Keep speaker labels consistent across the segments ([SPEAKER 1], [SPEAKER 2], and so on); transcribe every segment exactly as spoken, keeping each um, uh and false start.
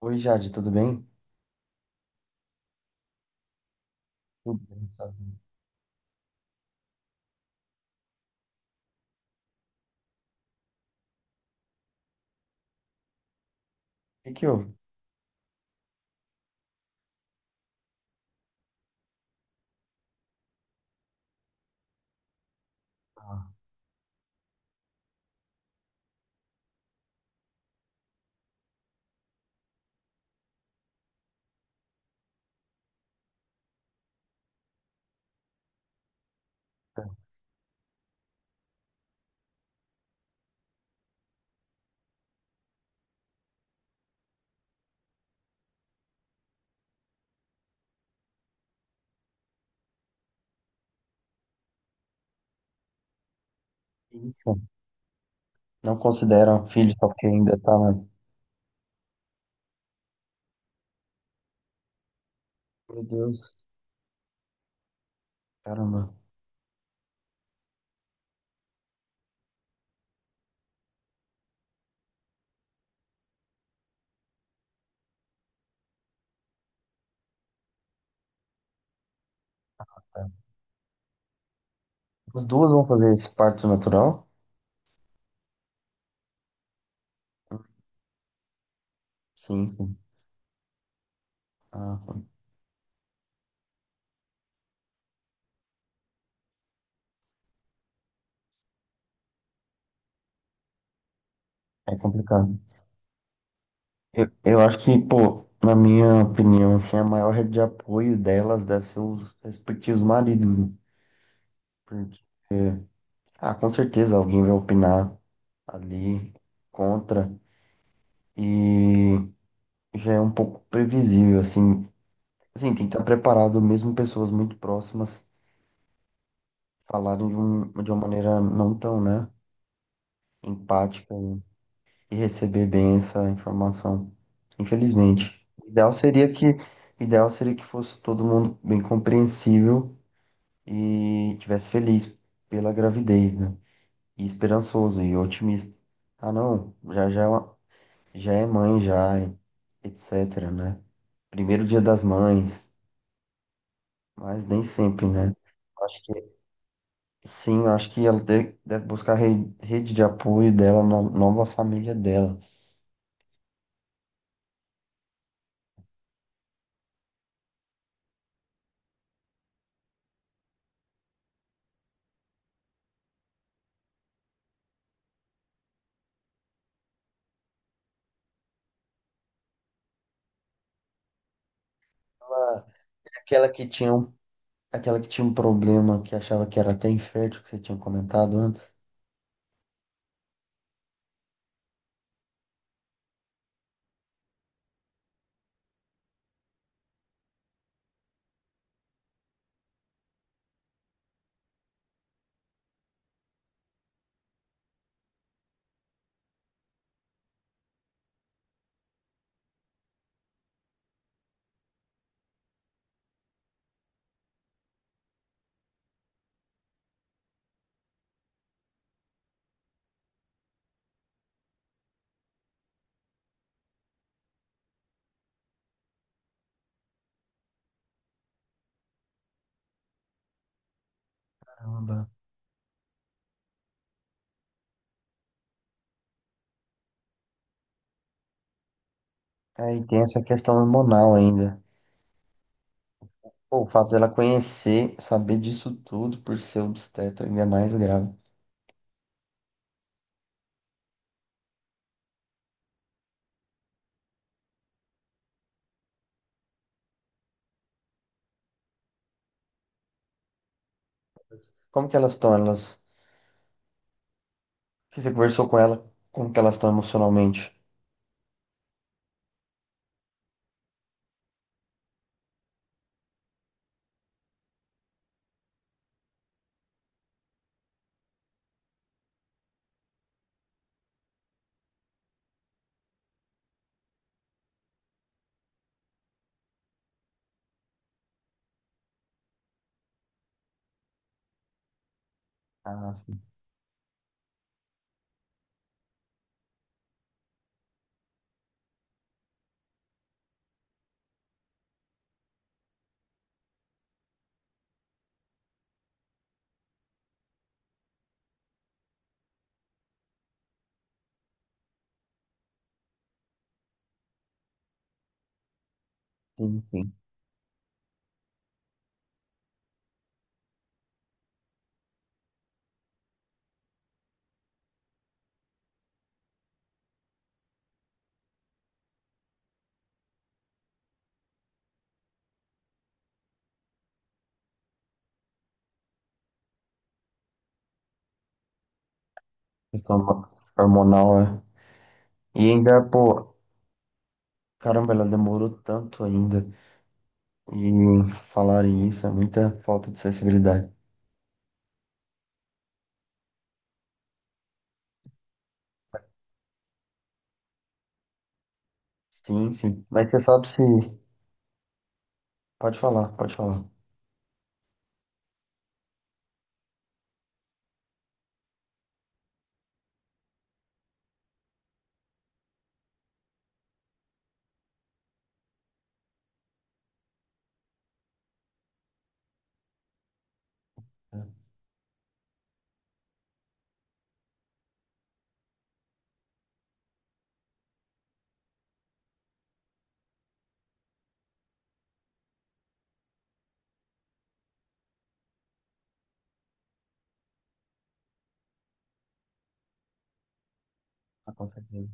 [SPEAKER 1] Oi, Jade, tudo bem? Tudo bem, sabe? O que que houve? Ah, tá. Que isso. Não consideram filho só porque ainda tá na... Meu Deus, caramba. Tá. As duas vão fazer esse parto natural? Sim, sim. Ah, é complicado. Eu, eu acho que, pô, na minha opinião, assim, a maior rede de apoio delas deve ser os respectivos maridos, né? Porque, ah, com certeza alguém vai opinar ali contra e já é um pouco previsível, assim. Assim, tem que estar preparado, mesmo pessoas muito próximas falarem de, um, de uma maneira não tão, né, empática e, e receber bem essa informação. Infelizmente. O ideal seria que, o ideal seria que fosse todo mundo bem compreensível e tivesse feliz pela gravidez, né? E esperançoso e otimista. Ah, não, já já é uma- já é mãe já, e etc, né? Primeiro dia das mães, mas nem sempre, né? Acho que Sim, eu acho que ela deve, deve buscar a re- rede de apoio dela na nova família dela. Ela- é aquela que tinha um, aquela que tinha um problema que achava que era até infértil, que você tinha comentado antes. Caramba. Aí tem essa questão hormonal ainda. Pô, o fato dela conhecer, saber disso tudo por ser obstetra ainda é mais grave. Como que elas estão? Elas, que você conversou com ela, como que elas estão emocionalmente? Ah, sim, sim, sim. Questão hormonal, né? E ainda, pô, caramba, ela demorou tanto ainda. E falarem isso é muita falta de sensibilidade. Sim, sim. Mas você sabe se. Pode falar, pode falar. É, tá, com certeza.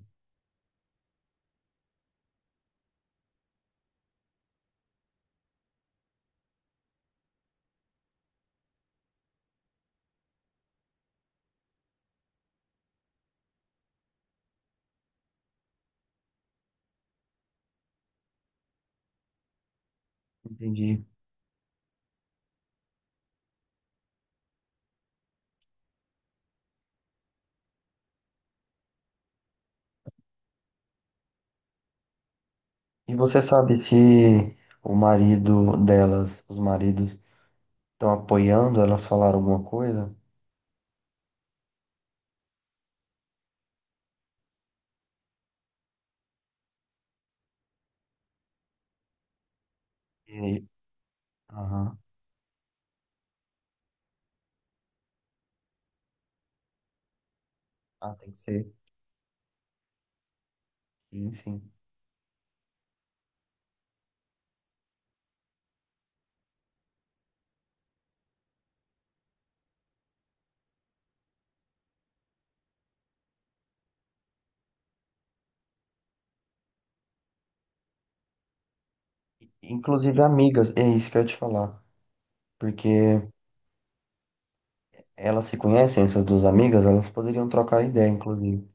[SPEAKER 1] Entendi. E você sabe se o marido delas, os maridos estão apoiando elas falar alguma coisa? E... Aham. Ah, tem que ser. Sim, sim. Inclusive amigas, é isso que eu ia te falar. Porque elas se conhecem, essas duas amigas, elas poderiam trocar ideia, inclusive.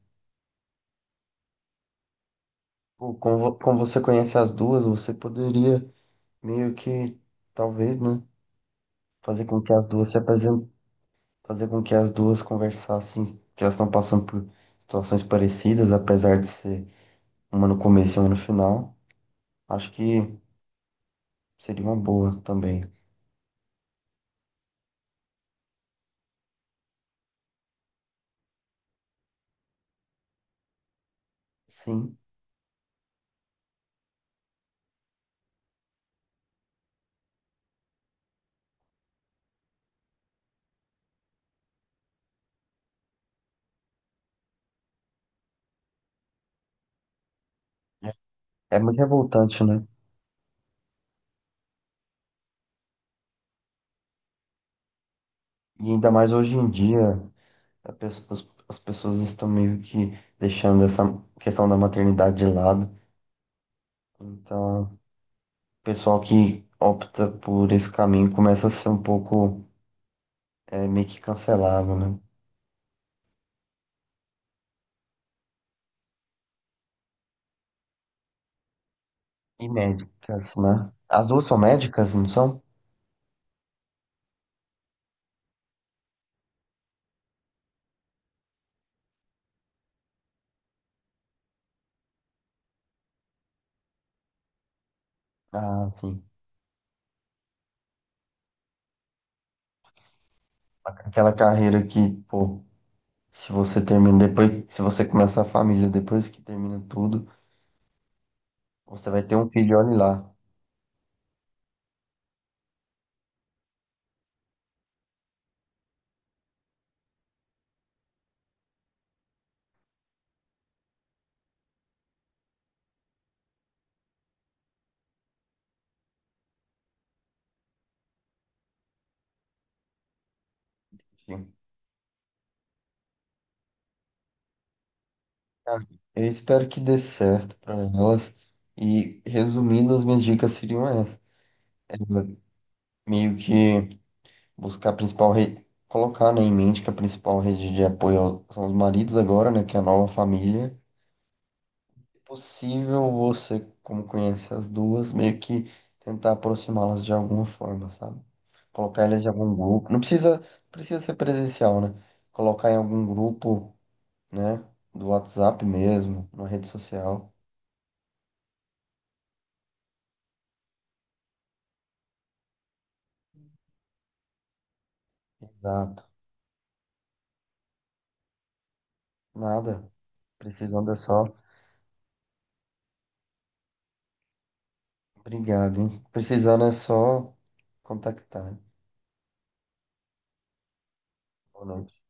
[SPEAKER 1] Pô, como, vo- como você conhece as duas, você poderia meio que talvez, né? Fazer com que as duas se apresentem, fazer com que as duas conversassem, que elas estão passando por situações parecidas, apesar de ser uma no começo e uma no final. Acho que seria uma boa também. Sim, é é muito revoltante, né? E ainda mais hoje em dia, a pe- as as pessoas estão meio que deixando essa questão da maternidade de lado. Então, o pessoal que opta por esse caminho começa a ser um pouco é, meio que cancelado, né? E médicas, né? As duas são médicas, não são? Ah, sim. Aquela carreira que, pô, se você termina depois, se você começa a família depois que termina tudo, você vai ter um filho, olha lá. Enfim, cara, eu espero que dê certo pra elas. E resumindo, as minhas dicas seriam essas. É, meio que buscar a principal rede, colocar, né, em mente que a principal rede de apoio ao- são os maridos agora, né, que é a nova família. Possível você, como conhece as duas, meio que tentar aproximá-las de alguma forma, sabe? Colocar elas em algum grupo. Não precisa, precisa ser presencial, né? Colocar em algum grupo, né? Do WhatsApp mesmo, na rede social. Exato. Nada. Precisando é só. Obrigado, hein? Precisando é só contactar, hein? Boa noite.